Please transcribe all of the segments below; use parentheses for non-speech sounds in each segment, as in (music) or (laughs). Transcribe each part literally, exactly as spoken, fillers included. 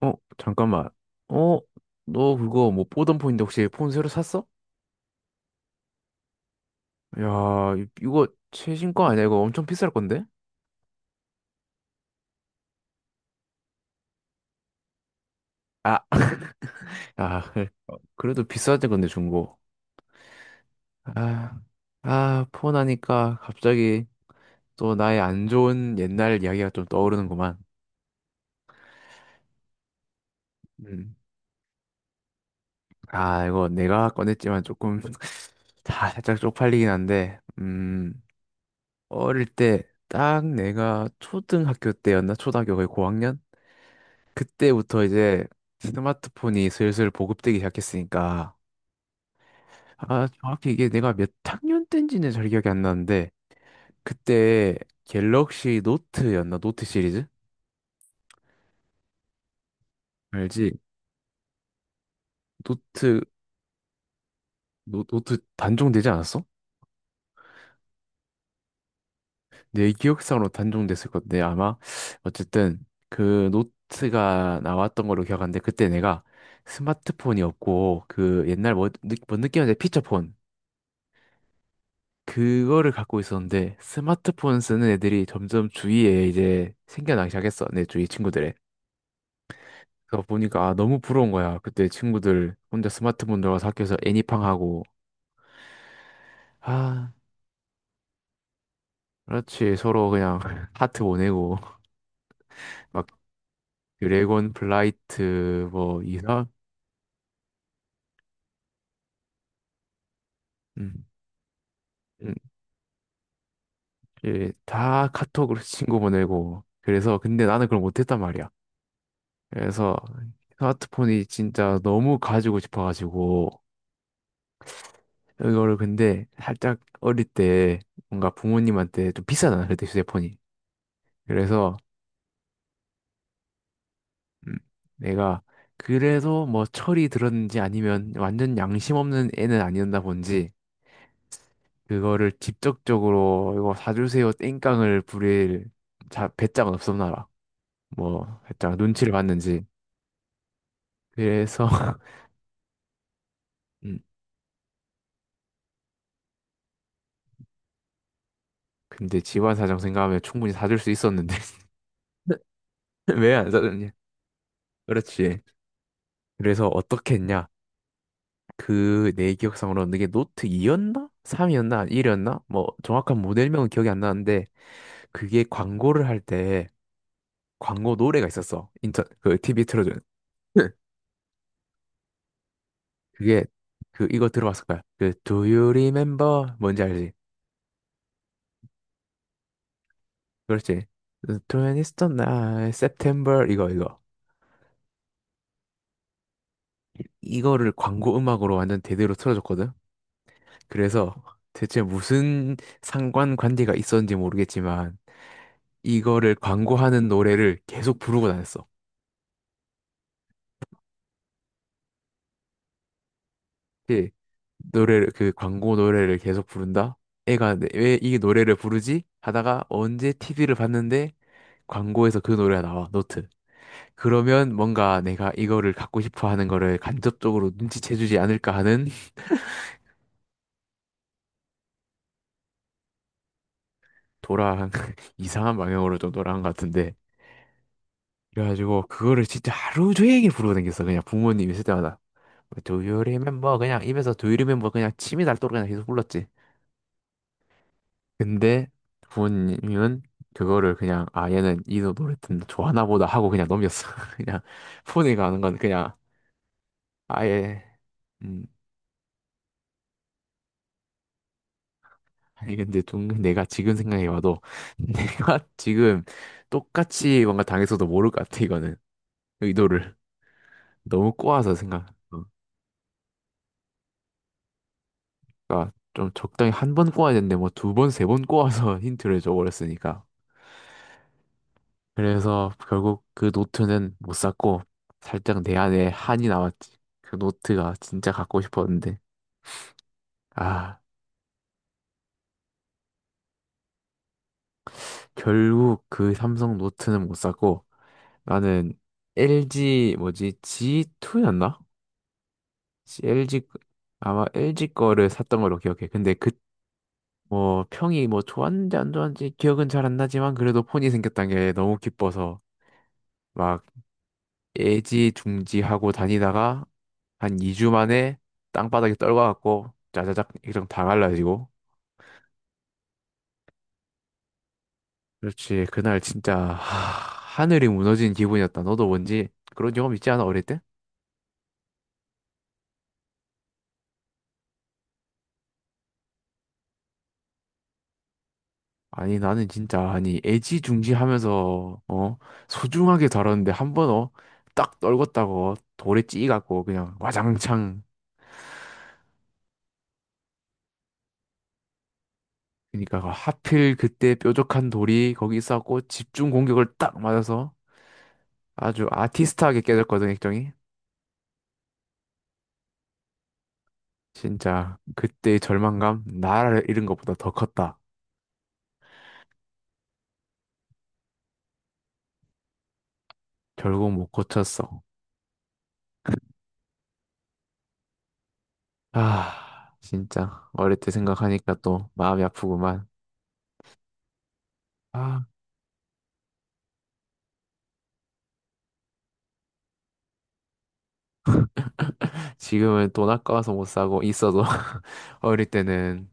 어, 잠깐만. 어, 너 그거 뭐 보던 폰인데 혹시 폰 새로 샀어? 야, 이- 이거 최신 거 아니야? 이거 엄청 비쌀 건데? 아, 아, (laughs) 어, 그래도 비싸지 건데 중고. 아, 아, 폰 하니까 갑자기 또 나의 안 좋은 옛날 이야기가 좀 떠오르는구만. 음. 아, 이거 내가 꺼냈지만 조금 (laughs) 다 살짝 쪽팔리긴 한데, 음, 어릴 때 딱 내가 초등학교 때였나? 초등학교 거의 고학년? 그때부터 이제 스마트폰이 슬슬 보급되기 시작했으니까 아 정확히 이게 내가 몇 학년 때인지는 잘 기억이 안 나는데 그때 갤럭시 노트였나 노트 시리즈 알지 노트 노, 노트 단종되지 않았어? 내 기억상으로 단종됐을 건데 아마 어쨌든 그 노트가 나왔던 걸로 기억하는데 그때 내가 스마트폰이 없고 그 옛날 뭐, 느- 뭐 느낌인데 피처폰 그거를 갖고 있었는데 스마트폰 쓰는 애들이 점점 주위에 이제 생겨나기 시작했어. 내 주위 친구들에. 그래서 보니까 아, 너무 부러운 거야. 그때 친구들 혼자 스마트폰 들어가서 학교에서 애니팡 하고 아 그렇지 서로 그냥 (laughs) 하트 보내고 막 드래곤 플라이트 뭐 이상 음, 음, 예, 다 카톡으로 (laughs) 친구 보내고 그래서 근데 나는 그걸 못했단 말이야. 그래서 스마트폰이 진짜 너무 가지고 싶어가지고 이거를 근데 살짝 어릴 때 뭔가 부모님한테 좀 비싸잖아, 그때 휴대폰이. 그래서 음, 내가 그래도 뭐 철이 들었는지 아니면 완전 양심 없는 애는 아니었나 본지 그거를 직접적으로 이거 사주세요 땡깡을 부릴 자, 배짱은 없었나라. 뭐 살짝 눈치를 봤는지. 그래서 (laughs) 음, 근데 집안 사정 생각하면 충분히 사줄 수 있었는데 (laughs) 왜 안 사줬냐? 그렇지. 그래서 어떻게 했냐? 그 내 기억상으로는 그게 노트 이였나? 삼이었나? 원이었나? 뭐 정확한 모델명은 기억이 안 나는데 그게 광고를 할 때 광고 노래가 있었어. 인터 그 티비 틀어주는. (laughs) 그게 그 이거 들어봤을 거야. 그 Do you remember? 뭔지 알지? 그렇지. The 트웬티스 night, September 이거 이거. 이거를 광고 음악으로 완전 대대로 틀어줬거든. 그래서 대체 무슨 상관 관계가 있었는지 모르겠지만 이거를 광고하는 노래를 계속 부르고 다녔어. 이렇게 노래를 그 광고 노래를 계속 부른다. 애가 내- 왜 이 노래를 부르지? 하다가 언제 티비를 봤는데 광고에서 그 노래가 나와, 노트. 그러면 뭔가 내가 이거를 갖고 싶어 하는 거를 간접적으로 눈치채주지 않을까 하는 돌아한 (laughs) 이상한 방향으로 좀 돌아간 것 같은데. 그래가지고 그거를 진짜 하루 종일 부르고 다녔어. 그냥 부모님 있을 때마다. Do you remember? 그냥 입에서 Do you remember? 그냥 침이 닳도록 그냥 계속 불렀지. 근데 부모님은 그거를 그냥 아 얘는 이 노- 노래 듣는 좋아하나 보다 하고 그냥 넘겼어. (laughs) 그냥 폰에 가는 건 그냥 아예 음 아니 근데 좀 내가 지금 생각해봐도 (laughs) 내가 지금 똑같이 뭔가 당했어도 모를 것 같아 이거는 의도를 너무 꼬아서 생각. 어, 그러니까 좀 적당히 한 번 꼬아야 되는데 뭐 두 번 세 번 꼬아서 (laughs) 힌트를 줘버렸으니까. 그래서 결국 그 노트는 못 샀고 살짝 내 안에 한이 남았지. 그 노트가 진짜 갖고 싶었는데. 아, 결국 그 삼성 노트는 못 샀고 나는 엘지 뭐지? 지투였나? 엘지 아마 엘지 거를 샀던 걸로 기억해. 근데 그 뭐 평이 뭐 좋았는지 안 좋았는지 기억은 잘 안 나지만 그래도 폰이 생겼다는 게 너무 기뻐서 애지중지하고 다니다가 한 이 주 만에 땅바닥에 떨궈갖고 짜자작 액정 다 갈라지고 그렇지 그날 진짜 하, 늘이 무너진 기분이었다 너도 뭔지 그런 경험 있지 않아 어릴 때? 아니 나는 진짜 아니 애지중지하면서 어 소중하게 다뤘는데 한번 어 딱 떨궜다고 돌에 찌갖고 그냥 와장창 그러니까 그 하필 그때 뾰족한 돌이 거기 있갖고 집중 공격을 딱 맞아서 아주 아티스트하게 깨졌거든 액정이 진짜 그때의 절망감 나라를 잃은 것보다 더 컸다. 결국 못 고쳤어. 아, 진짜 어릴 때 생각하니까 또 마음이 아프구만. 아, 지금은 돈 아까워서 못 사고 있어도 (laughs) 어릴 때는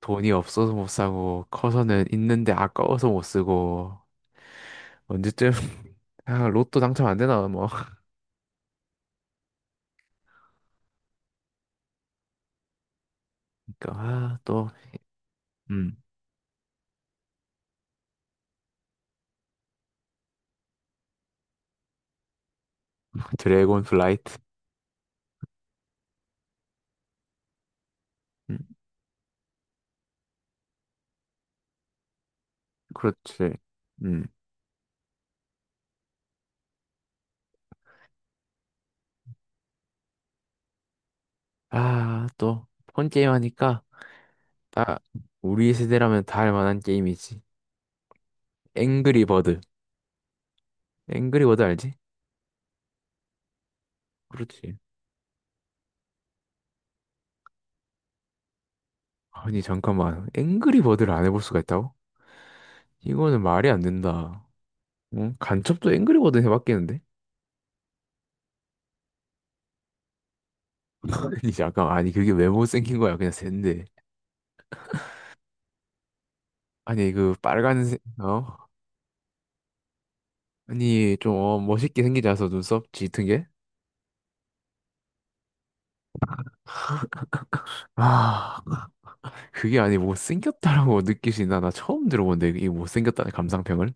돈이 없어서 못 사고 커서는 있는데 아까워서 못 쓰고 언제쯤 (laughs) 아, 로또 당첨 안 되나 뭐. 그러니까 아, 또 음, 드래곤 플라이트. 음, 그렇지. 음. 아, 또 폰 게임 하니까 다 우리 세대라면 다 할 만한 게임이지. 앵그리 버드. 앵그리 버드 알지? 그렇지. 아니 잠깐만. 앵그리 버드를 안 해볼 수가 있다고? 이거는 말이 안 된다. 응? 간첩도 앵그리 버드 해봤겠는데? (laughs) 아니 잠깐 아니 그게 왜 못생긴 거야? 그냥 샌데. 아니 그 빨간색 어? 아니 좀 어, 멋있게 생기지 않아서 눈썹 짙은 게? 아 그게 아니 못생겼다라고 느끼시나? 나 처음 들어본데 이 못생겼다는 감상평을?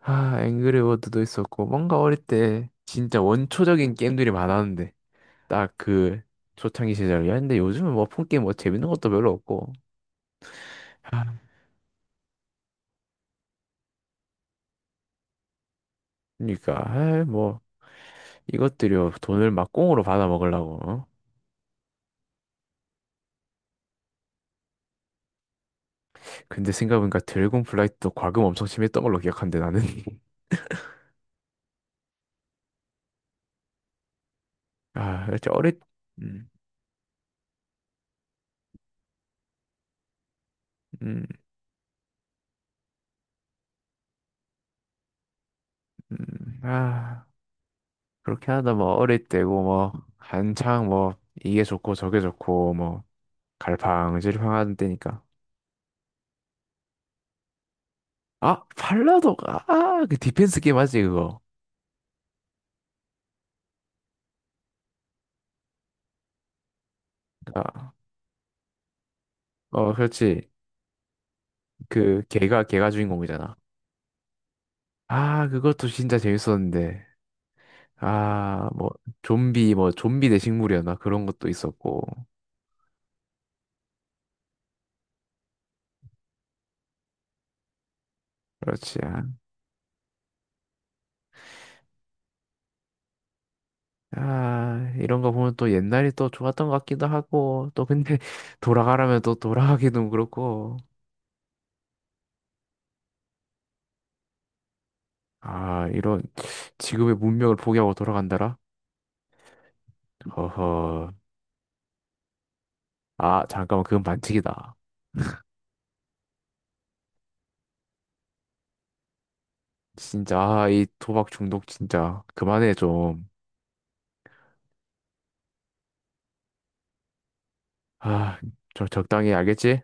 아, 앵그리워드도 있었고, 뭔가 어릴 때 진짜 원초적인 게임들이 많았는데, 딱 그 초창기 시절이었는데, 요즘은 뭐 폰 게임 뭐 재밌는 것도 별로 없고, 아, 그러니까, 아, 뭐, 이것들이 돈을 막 공으로 받아 먹으려고. 어? 근데 생각해보니까 드래곤 플라이트도 과금 엄청 심했던 걸로 기억한데, 나는. (laughs) 아, 그렇지, 어릴, 음, 음, 음, 아, 그렇게 하다 뭐, 어릴 때고, 뭐, 한창 뭐, 이게 좋고 저게 좋고, 뭐, 갈팡질팡 하던 때니까. 아, 팔라도가, 아, 그 디펜스 게임 맞지, 그거. 아, 어, 그렇지. 그, 걔가, 걔가 주인공이잖아. 아, 그것도 진짜 재밌었는데. 아, 뭐, 좀비, 뭐, 좀비 대 식물이었나? 그런 것도 있었고. 그렇지. 아, 아, 이런 거 보면 또 옛날이 또 좋았던 것 같기도 하고, 또 근데 (laughs) 돌아가라면 또 돌아가기도 그렇고. 아, 이런, 지금의 문명을 포기하고 돌아간다라? 허허. 아, 잠깐만, 그건 반칙이다. 진짜, 아, 이 도박 중독 진짜. 그만해, 좀. 아, 저 적당히 알겠지?